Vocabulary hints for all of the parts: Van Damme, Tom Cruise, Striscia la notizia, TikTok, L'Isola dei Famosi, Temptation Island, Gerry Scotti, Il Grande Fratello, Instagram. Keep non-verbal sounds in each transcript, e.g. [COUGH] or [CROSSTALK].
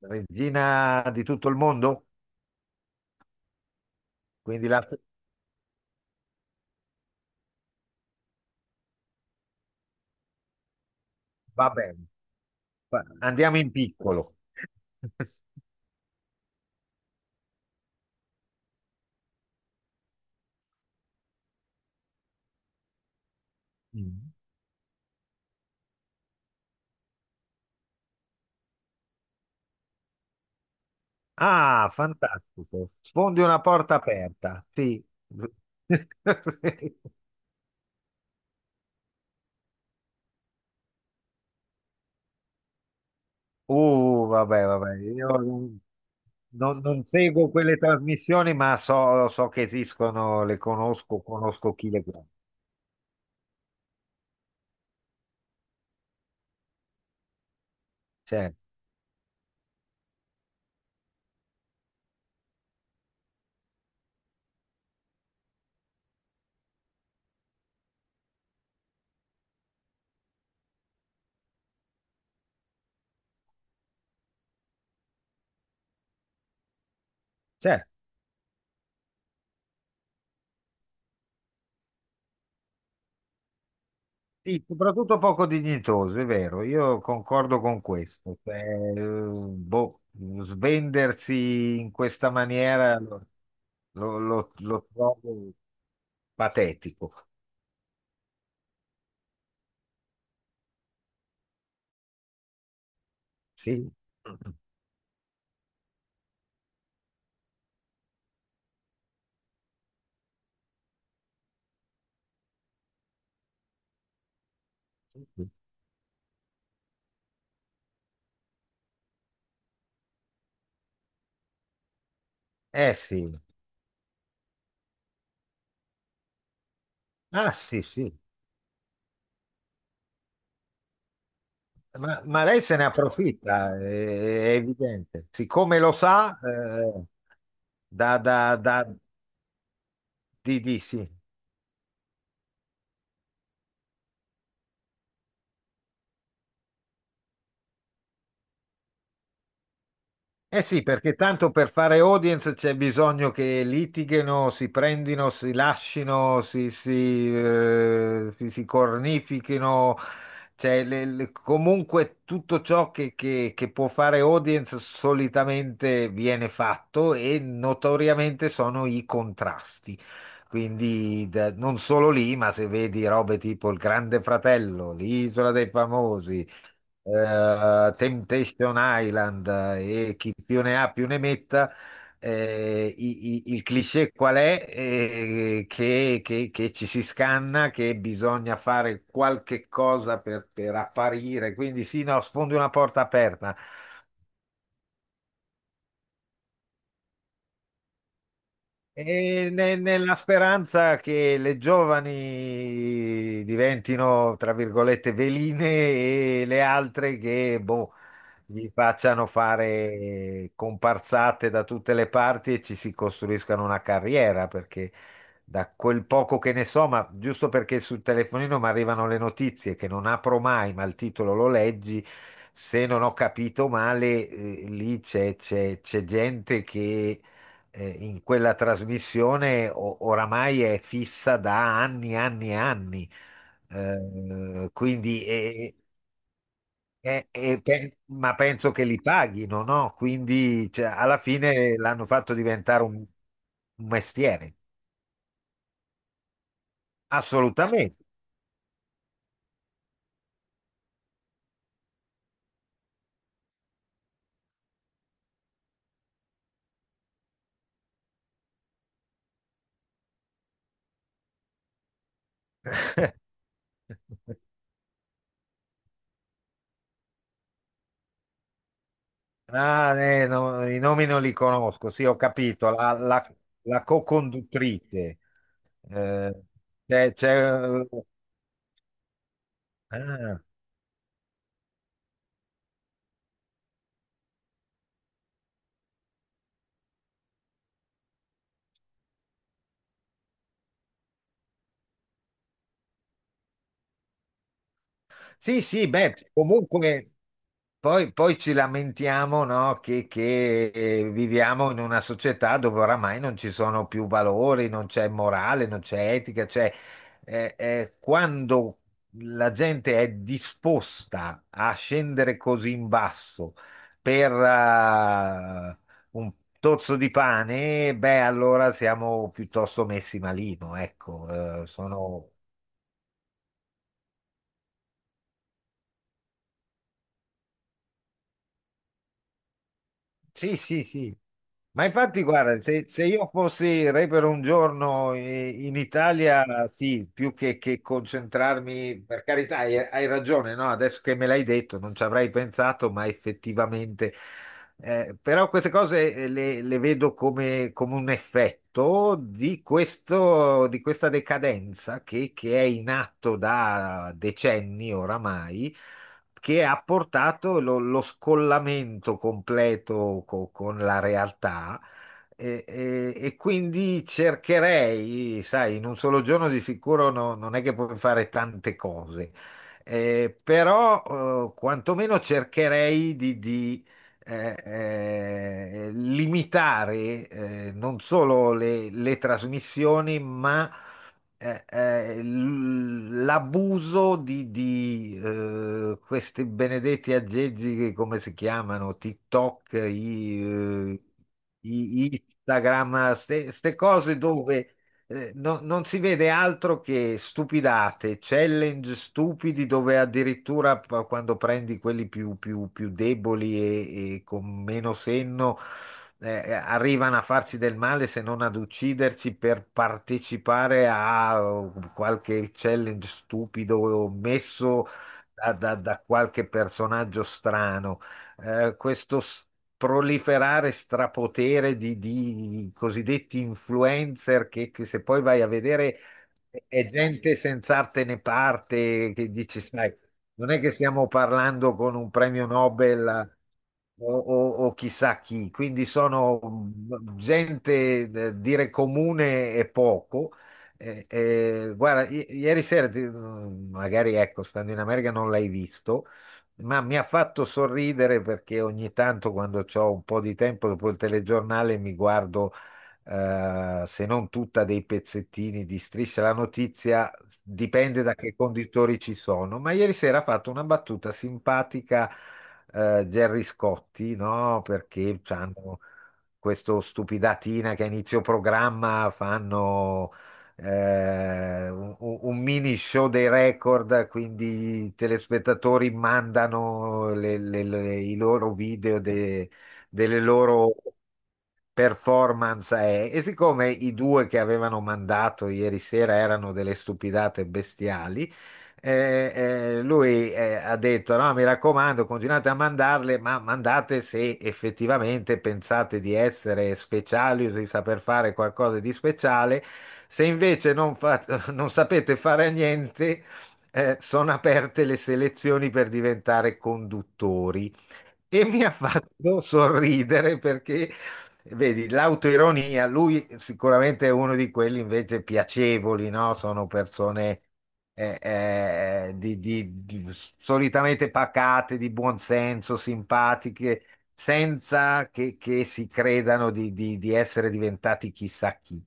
Regina di tutto il mondo? Quindi la... va bene, andiamo in piccolo. Mm. Ah, fantastico. Sfondi una porta aperta. Sì. [LAUGHS] Vabbè, vabbè, io non seguo quelle trasmissioni, ma so, so che esistono, le conosco, conosco chi le guarda. Certo, certo. Sì, soprattutto poco dignitoso, è vero, io concordo con questo. Cioè, boh, svendersi in questa maniera lo trovo patetico. Sì. Eh sì, ah sì, sì, ma lei se ne approfitta, è evidente. Siccome lo sa, da, da, da, di sì. Eh sì, perché tanto per fare audience c'è bisogno che litighino, si prendino, si lascino, si, si cornifichino, cioè comunque tutto ciò che, che può fare audience solitamente viene fatto e notoriamente sono i contrasti. Quindi non solo lì, ma se vedi robe tipo Il Grande Fratello, L'Isola dei Famosi, Temptation Island, e chi più ne ha più ne metta. Il cliché qual è? Che, che ci si scanna, che bisogna fare qualche cosa per apparire, quindi sì, no, sfondi una porta aperta. E nella speranza che le giovani diventino, tra virgolette, veline e le altre che, boh, gli facciano fare comparsate da tutte le parti e ci si costruiscano una carriera, perché da quel poco che ne so, ma giusto perché sul telefonino mi arrivano le notizie che non apro mai, ma il titolo lo leggi, se non ho capito male, lì c'è gente che in quella trasmissione oramai è fissa da anni, anni e anni. Quindi ma penso che li paghino, no? Quindi cioè, alla fine l'hanno fatto diventare un mestiere. Assolutamente. [LAUGHS] Ah, no, i nomi non li conosco, sì, ho capito. La co-conduttrice. Eh, c'è, c'è- eh, ah, Sì, sì, beh, comunque poi ci lamentiamo, no, viviamo in una società dove oramai non ci sono più valori, non c'è morale, non c'è etica, cioè quando la gente è disposta a scendere così in basso per un tozzo di pane, beh, allora siamo piuttosto messi malino, ecco, sono... Sì, sì, sì. Ma infatti, guarda, se io fossi re per un giorno in Italia, sì, più che concentrarmi, per carità, hai, hai ragione, no? Adesso che me l'hai detto, non ci avrei pensato, ma effettivamente. Però queste cose le vedo come, come un effetto di questo, di questa decadenza che è in atto da decenni oramai, che ha portato lo, lo scollamento completo con la realtà. E quindi cercherei, sai, in un solo giorno di sicuro non è che puoi fare tante cose. Però quantomeno cercherei di limitare non solo le trasmissioni, ma l'abuso di, questi benedetti aggeggi che come si chiamano? TikTok, Instagram, queste cose dove non si vede altro che stupidate, challenge stupidi dove addirittura quando prendi quelli più, più deboli e con meno senno, arrivano a farsi del male se non ad ucciderci per partecipare a qualche challenge stupido messo da qualche personaggio strano. eh, questo s- Proliferare strapotere di cosiddetti influencer che se poi vai a vedere è gente senza arte né parte, che dici, sai, non è che stiamo parlando con un premio Nobel o chissà chi, quindi sono gente, dire comune e poco. Guarda, ieri sera, magari ecco, stando in America non l'hai visto, ma mi ha fatto sorridere perché ogni tanto quando ho un po' di tempo dopo il telegiornale mi guardo, se non tutta, dei pezzettini di Striscia la notizia, dipende da che conditori ci sono. Ma ieri sera ha fatto una battuta simpatica, Gerry Scotti, no? Perché hanno questo stupidatina che a inizio programma fanno un mini show dei record, quindi i telespettatori mandano i loro video delle loro performance. E siccome i due che avevano mandato ieri sera erano delle stupidate bestiali, eh, lui ha detto: "No, mi raccomando, continuate a mandarle, ma mandate se effettivamente pensate di essere speciali o di saper fare qualcosa di speciale. Se invece non, [LAUGHS] non sapete fare niente, sono aperte le selezioni per diventare conduttori." E mi ha fatto sorridere perché, vedi, l'autoironia, lui sicuramente è uno di quelli invece piacevoli, no? Sono persone solitamente pacate, di buon senso, simpatiche, senza che, che si credano di, di essere diventati chissà chi.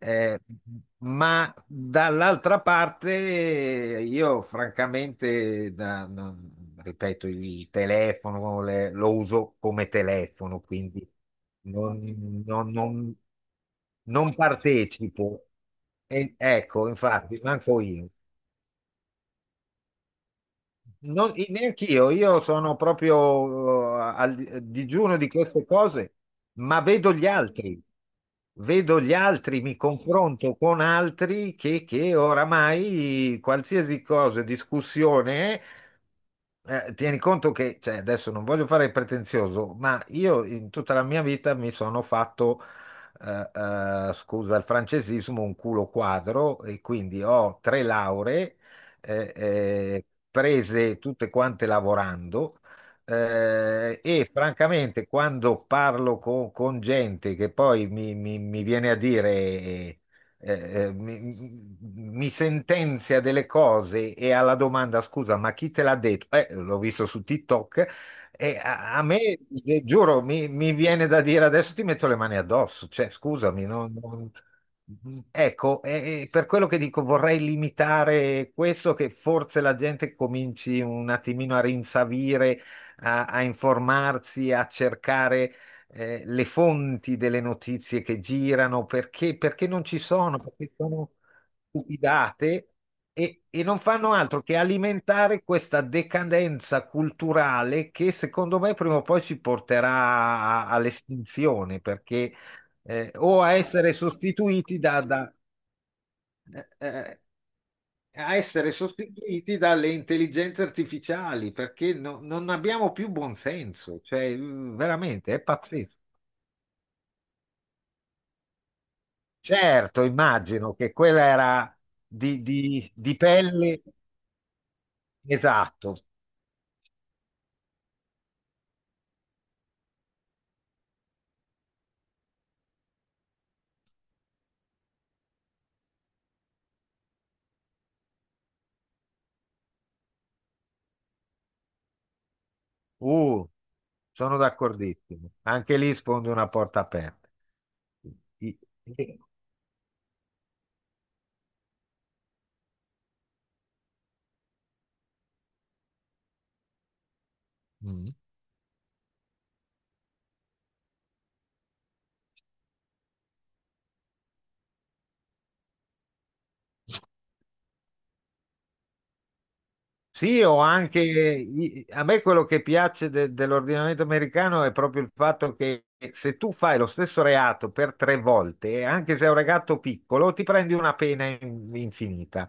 Eh, ma dall'altra parte io francamente, ripeto, il telefono lo uso come telefono, quindi non, non- non- non partecipo. Ecco, infatti, manco io. Non, neanche io sono proprio al digiuno di queste cose, ma vedo gli altri, mi confronto con altri che oramai qualsiasi cosa, discussione, è, tieni conto che, cioè, adesso non voglio fare il pretenzioso, ma io in tutta la mia vita mi sono fatto, eh, scusa il francesismo, un culo quadro e quindi ho 3 lauree, eh, eh, prese tutte quante lavorando. E francamente, quando parlo con gente che poi mi, mi viene a dire, eh, mi, mi sentenzia delle cose e alla domanda: "Scusa, ma chi te l'ha detto?" "Eh, l'ho visto su TikTok." E a, a me, giuro, mi viene da dire: "Adesso ti metto le mani addosso," cioè scusami, Ecco, per quello che dico vorrei limitare questo, che forse la gente cominci un attimino a rinsavire, a, a informarsi, a cercare le fonti delle notizie che girano, perché, perché non ci sono, perché sono stupidate e non fanno altro che alimentare questa decadenza culturale che secondo me prima o poi ci porterà all'estinzione, perché o a essere sostituiti da, da- eh, eh, a essere sostituiti dalle intelligenze artificiali, perché non abbiamo più buonsenso, cioè veramente è pazzesco. Certo, immagino che quella era di, di pelle, esatto. Uh, sono d'accordissimo. Anche lì sfondi una porta aperta. I- Sì. Mm. Sì, o anche a me quello che piace dell'ordinamento americano è proprio il fatto che se tu fai lo stesso reato per 3 volte, anche se è un reato piccolo, ti prendi una pena infinita.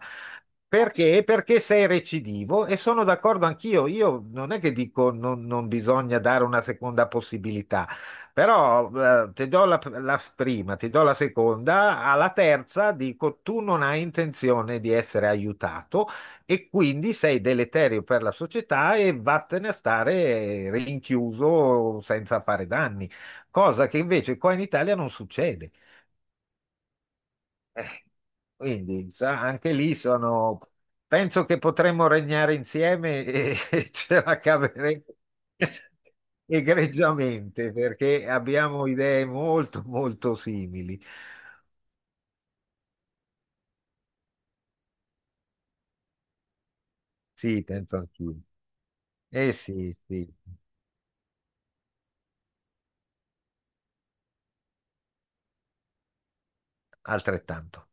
Perché? Perché sei recidivo e sono d'accordo anch'io. Io non è che dico non, non bisogna dare una seconda possibilità, però ti do la, la prima, ti do la seconda, alla terza dico tu non hai intenzione di essere aiutato e quindi sei deleterio per la società e vattene a stare rinchiuso senza fare danni, cosa che invece qua in Italia non succede. Eh, quindi sa, anche lì sono... Penso che potremmo regnare insieme e, [LAUGHS] e ce la caveremo [LAUGHS] egregiamente perché abbiamo idee molto, molto simili. Sì, penso anch'io. Eh sì, sì, altrettanto.